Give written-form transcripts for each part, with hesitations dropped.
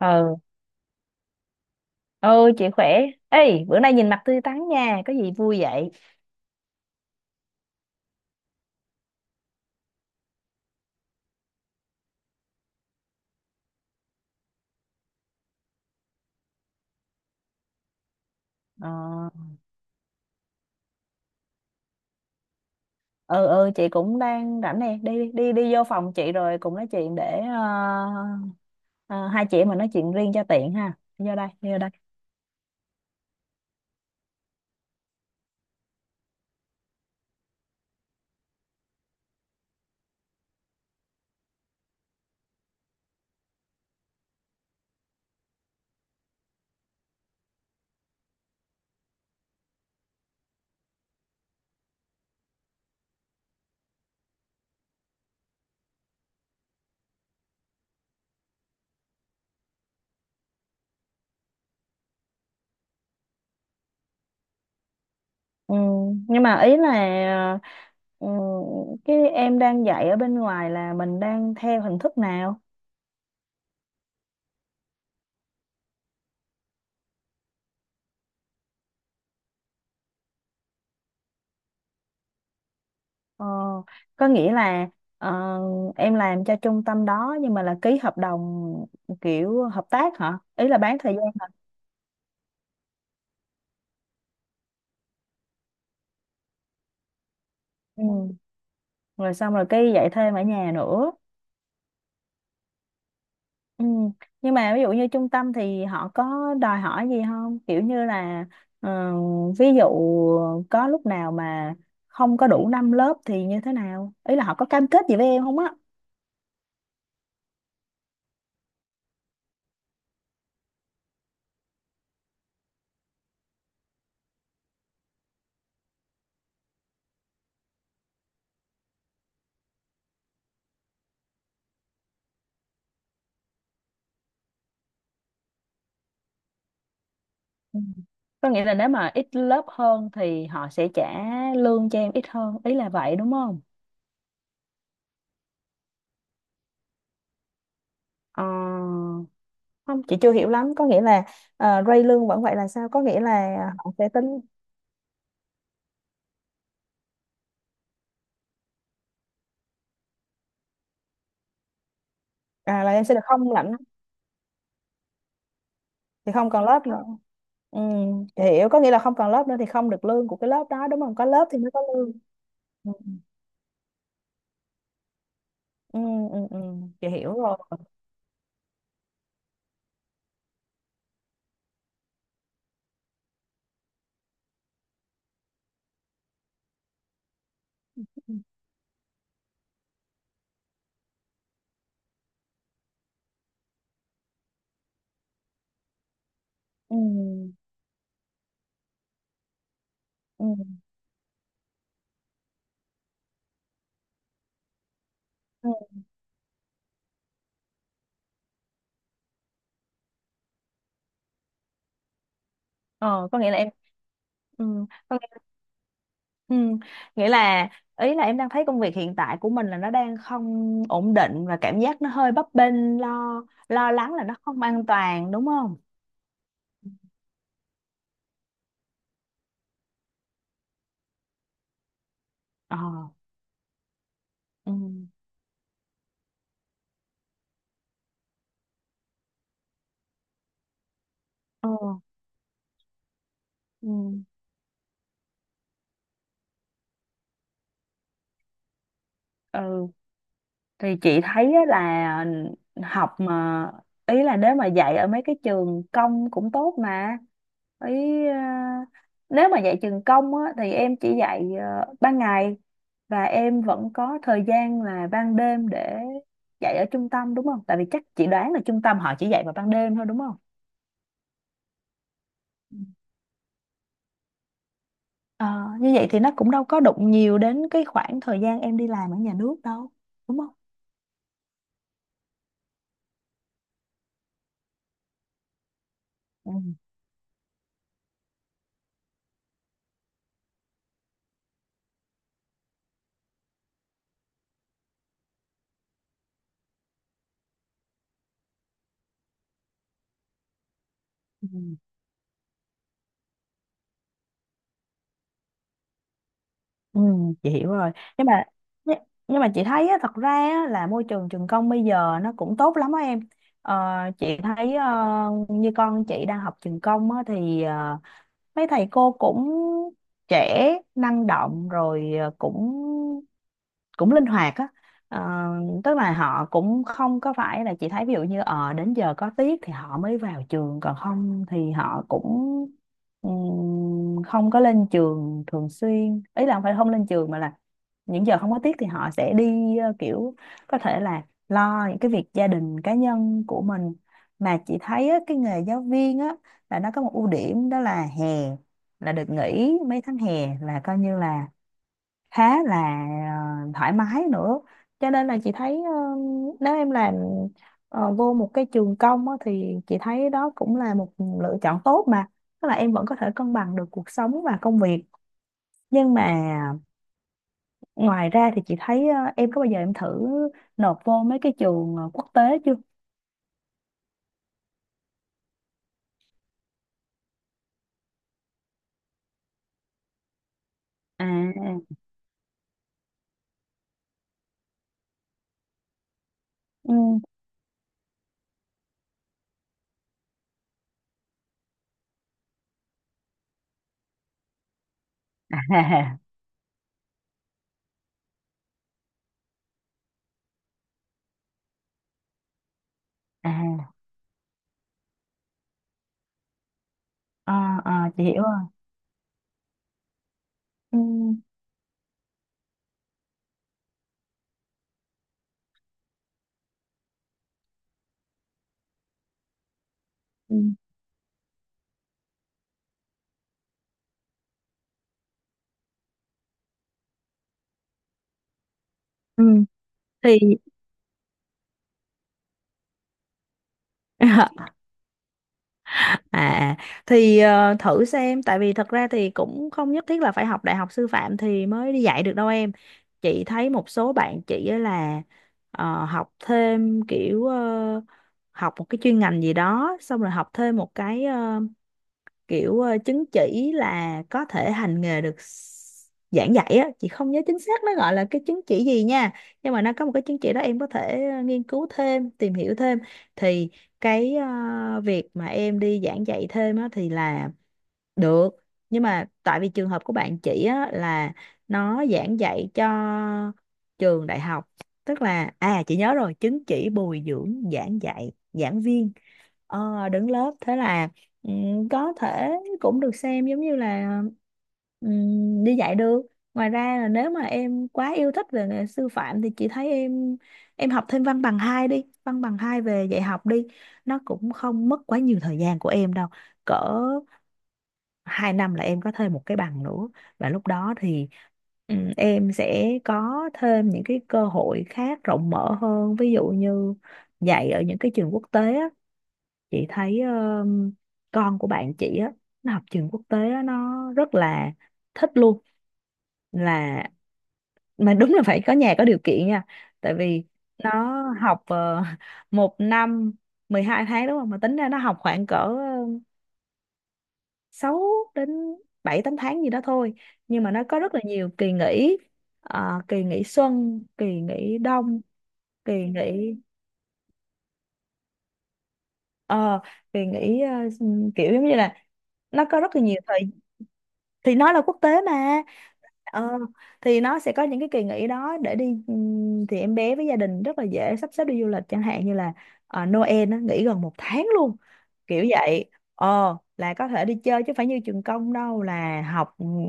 Ờ, ôi chị khỏe. Ê, bữa nay nhìn mặt tươi tắn nha, có gì vui vậy? Ờ, ừ, ừ, chị cũng đang rảnh nè. Đi, đi đi vô phòng chị rồi cùng nói chuyện để ờ, hai chị em mình nói chuyện riêng cho tiện ha. Đi vô đây, đi vô đây. Ừ, nhưng mà ý là, ừ, cái em đang dạy ở bên ngoài là mình đang theo hình thức nào? Ờ, có nghĩa là, ờ, em làm cho trung tâm đó nhưng mà là ký hợp đồng kiểu hợp tác hả, ý là bán thời gian hả? Ừ, rồi xong rồi cái dạy thêm ở nhà nữa. Ừ. Nhưng mà ví dụ như trung tâm thì họ có đòi hỏi gì không, kiểu như là ờ, ví dụ có lúc nào mà không có đủ 5 lớp thì như thế nào, ý là họ có cam kết gì với em không á? Ừ. Có nghĩa là nếu mà ít lớp hơn thì họ sẽ trả lương cho em ít hơn, ý là vậy đúng không? Ờ, không chị chưa hiểu lắm, có nghĩa là rate lương vẫn vậy là sao, có nghĩa là họ sẽ tính, à, là em sẽ được không lãnh thì không còn lớp nữa. Ừ, hiểu, có nghĩa là không còn lớp nữa thì không được lương của cái lớp đó đúng không? Có lớp thì mới có lương. Ừ, ừ, ừ, ừ. Chị hiểu rồi. Ừ, ừ, ừ. Ừ. Ờ, có nghĩa là em ừ. có nghĩa Ừ. Nghĩa là, ý là em đang thấy công việc hiện tại của mình là nó đang không ổn định và cảm giác nó hơi bấp bênh, lo lo lắng là nó không an toàn đúng không? Ờ. Ừ. Ờ. Ừ. Ừ. Thì chị thấy á, là học mà, ý là nếu mà dạy ở mấy cái trường công cũng tốt mà, ý à, nếu mà dạy trường công á thì em chỉ dạy ban ngày, và em vẫn có thời gian là ban đêm để dạy ở trung tâm đúng không? Tại vì chắc chị đoán là trung tâm họ chỉ dạy vào ban đêm thôi đúng không? Ừ. Ờ, như vậy thì nó cũng đâu có đụng nhiều đến cái khoảng thời gian em đi làm ở nhà nước đâu, đúng không? Ừ. Ừ. Ừ, chị hiểu rồi, nhưng mà nhưng nhưng mà chị thấy á, thật ra á, là môi trường trường công bây giờ nó cũng tốt lắm á em. Ờ, chị thấy như con chị đang học trường công á, thì mấy thầy cô cũng trẻ, năng động, rồi cũng cũng linh hoạt á. Ờ, tức là họ cũng không có phải là, chị thấy ví dụ như đến giờ có tiết thì họ mới vào trường, còn không thì họ cũng không có lên trường thường xuyên, ý là không phải không lên trường mà là những giờ không có tiết thì họ sẽ đi kiểu có thể là lo những cái việc gia đình cá nhân của mình. Mà chị thấy á, cái nghề giáo viên á là nó có một ưu điểm đó là hè, là được nghỉ mấy tháng hè là coi như là khá là thoải mái nữa. Cho nên là chị thấy nếu em làm vô một cái trường công á, thì chị thấy đó cũng là một lựa chọn tốt mà, tức là em vẫn có thể cân bằng được cuộc sống và công việc. Nhưng mà ngoài ra thì chị thấy em có bao giờ em thử nộp vô mấy cái trường quốc tế chưa? À, ừ, à, à, à, ờ, ờ, chị hiểu rồi. Ừ, ừ, ừ. Thì À, à. Thì thử xem, tại vì thật ra thì cũng không nhất thiết là phải học đại học sư phạm thì mới đi dạy được đâu em. Chị thấy một số bạn chị á là học thêm kiểu học một cái chuyên ngành gì đó, xong rồi học thêm một cái kiểu chứng chỉ là có thể hành nghề được, giảng dạy á. Chị không nhớ chính xác nó gọi là cái chứng chỉ gì nha, nhưng mà nó có một cái chứng chỉ đó em có thể nghiên cứu thêm, tìm hiểu thêm. Thì cái việc mà em đi giảng dạy thêm á thì là được, nhưng mà tại vì trường hợp của bạn chị á là nó giảng dạy cho trường đại học, tức là, à, chị nhớ rồi, chứng chỉ bồi dưỡng giảng dạy giảng viên đứng lớp, thế là, Ừ, có thể cũng được xem giống như là đi dạy được. Ngoài ra là nếu mà em quá yêu thích về nghề sư phạm thì chị thấy em học thêm văn bằng hai đi, văn bằng hai về dạy học đi, nó cũng không mất quá nhiều thời gian của em đâu, cỡ 2 năm là em có thêm một cái bằng nữa. Và lúc đó thì em sẽ có thêm những cái cơ hội khác rộng mở hơn, ví dụ như dạy ở những cái trường quốc tế á, chị thấy con của bạn chị á nó học trường quốc tế á, nó rất là thích luôn, là mà đúng là phải có nhà có điều kiện nha, tại vì nó học một năm 12 tháng đúng không, mà tính ra nó học khoảng cỡ 6 đến 7 8 tháng gì đó thôi. Nhưng mà nó có rất là nhiều kỳ nghỉ. Ờ, kỳ nghỉ xuân, kỳ nghỉ đông, kỳ nghỉ ờ, kỳ nghỉ, kiểu giống như là nó có rất là nhiều thời, thì nó là quốc tế mà. Ờ, thì nó sẽ có những cái kỳ nghỉ đó để đi, thì em bé với gia đình rất là dễ sắp xếp đi du lịch chẳng hạn như là Noel nó nghỉ gần một tháng luôn, kiểu vậy, là có thể đi chơi chứ phải như trường công đâu, là học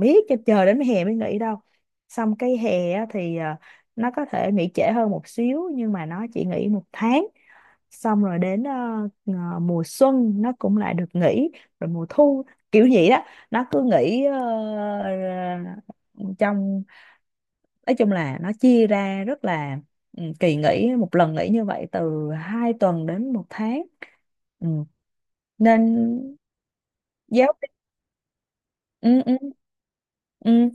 miết cho chờ đến hè mới nghỉ đâu. Xong cái hè á thì nó có thể nghỉ trễ hơn một xíu nhưng mà nó chỉ nghỉ một tháng, xong rồi đến ờ, mùa xuân nó cũng lại được nghỉ, rồi mùa thu, kiểu vậy đó. Nó cứ nghĩ trong, nói chung là nó chia ra rất là, kỳ nghỉ một lần nghỉ như vậy từ 2 tuần đến một tháng. Ừ. Nên giáo viên. Ừ, ừ, ừ,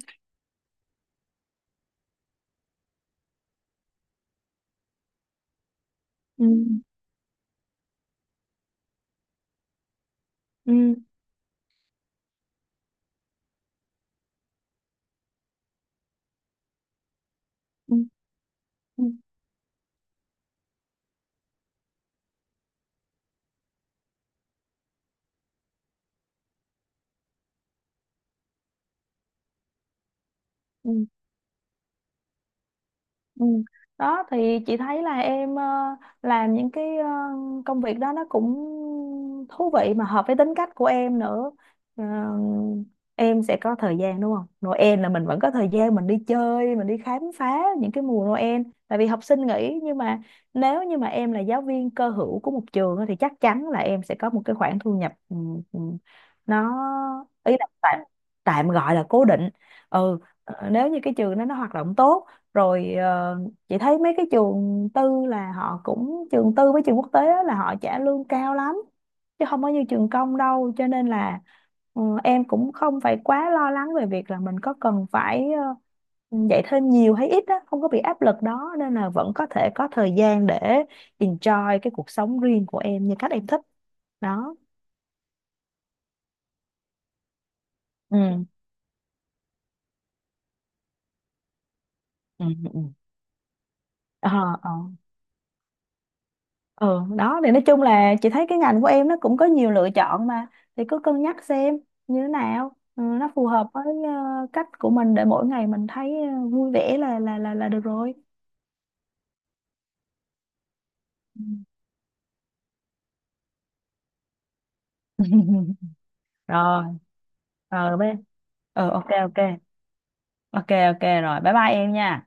ừ, ừ, ừ, ừ, ừ. Ừ. Đó thì chị thấy là em làm những cái công việc đó nó cũng thú vị mà hợp với tính cách của em nữa. Ờ, em sẽ có thời gian đúng không? Noel là mình vẫn có thời gian mình đi chơi, mình đi khám phá những cái mùa Noel. Tại vì học sinh nghỉ, nhưng mà nếu như mà em là giáo viên cơ hữu của một trường á, thì chắc chắn là em sẽ có một cái khoản thu nhập, ừ, nó, ý là tạm gọi là cố định. Ừ, nếu như cái trường đó nó hoạt động tốt rồi, chị thấy mấy cái trường tư là họ cũng, trường tư với trường quốc tế á, là họ trả lương cao lắm chứ không có như trường công đâu, cho nên là em cũng không phải quá lo lắng về việc là mình có cần phải dạy thêm nhiều hay ít á, không có bị áp lực đó, nên là vẫn có thể có thời gian để enjoy cái cuộc sống riêng của em như cách em thích. Đó, ừ, ừ, ừ, ờ, ờ, ừ. Đó thì nói chung là chị thấy cái ngành của em nó cũng có nhiều lựa chọn mà, thì cứ cân nhắc xem như thế nào, nó phù hợp với cách của mình để mỗi ngày mình thấy vui vẻ là được rồi. Ừ. Rồi, rồi bé, ừ, ok, ok, ok, ok, rồi bye bye em nha.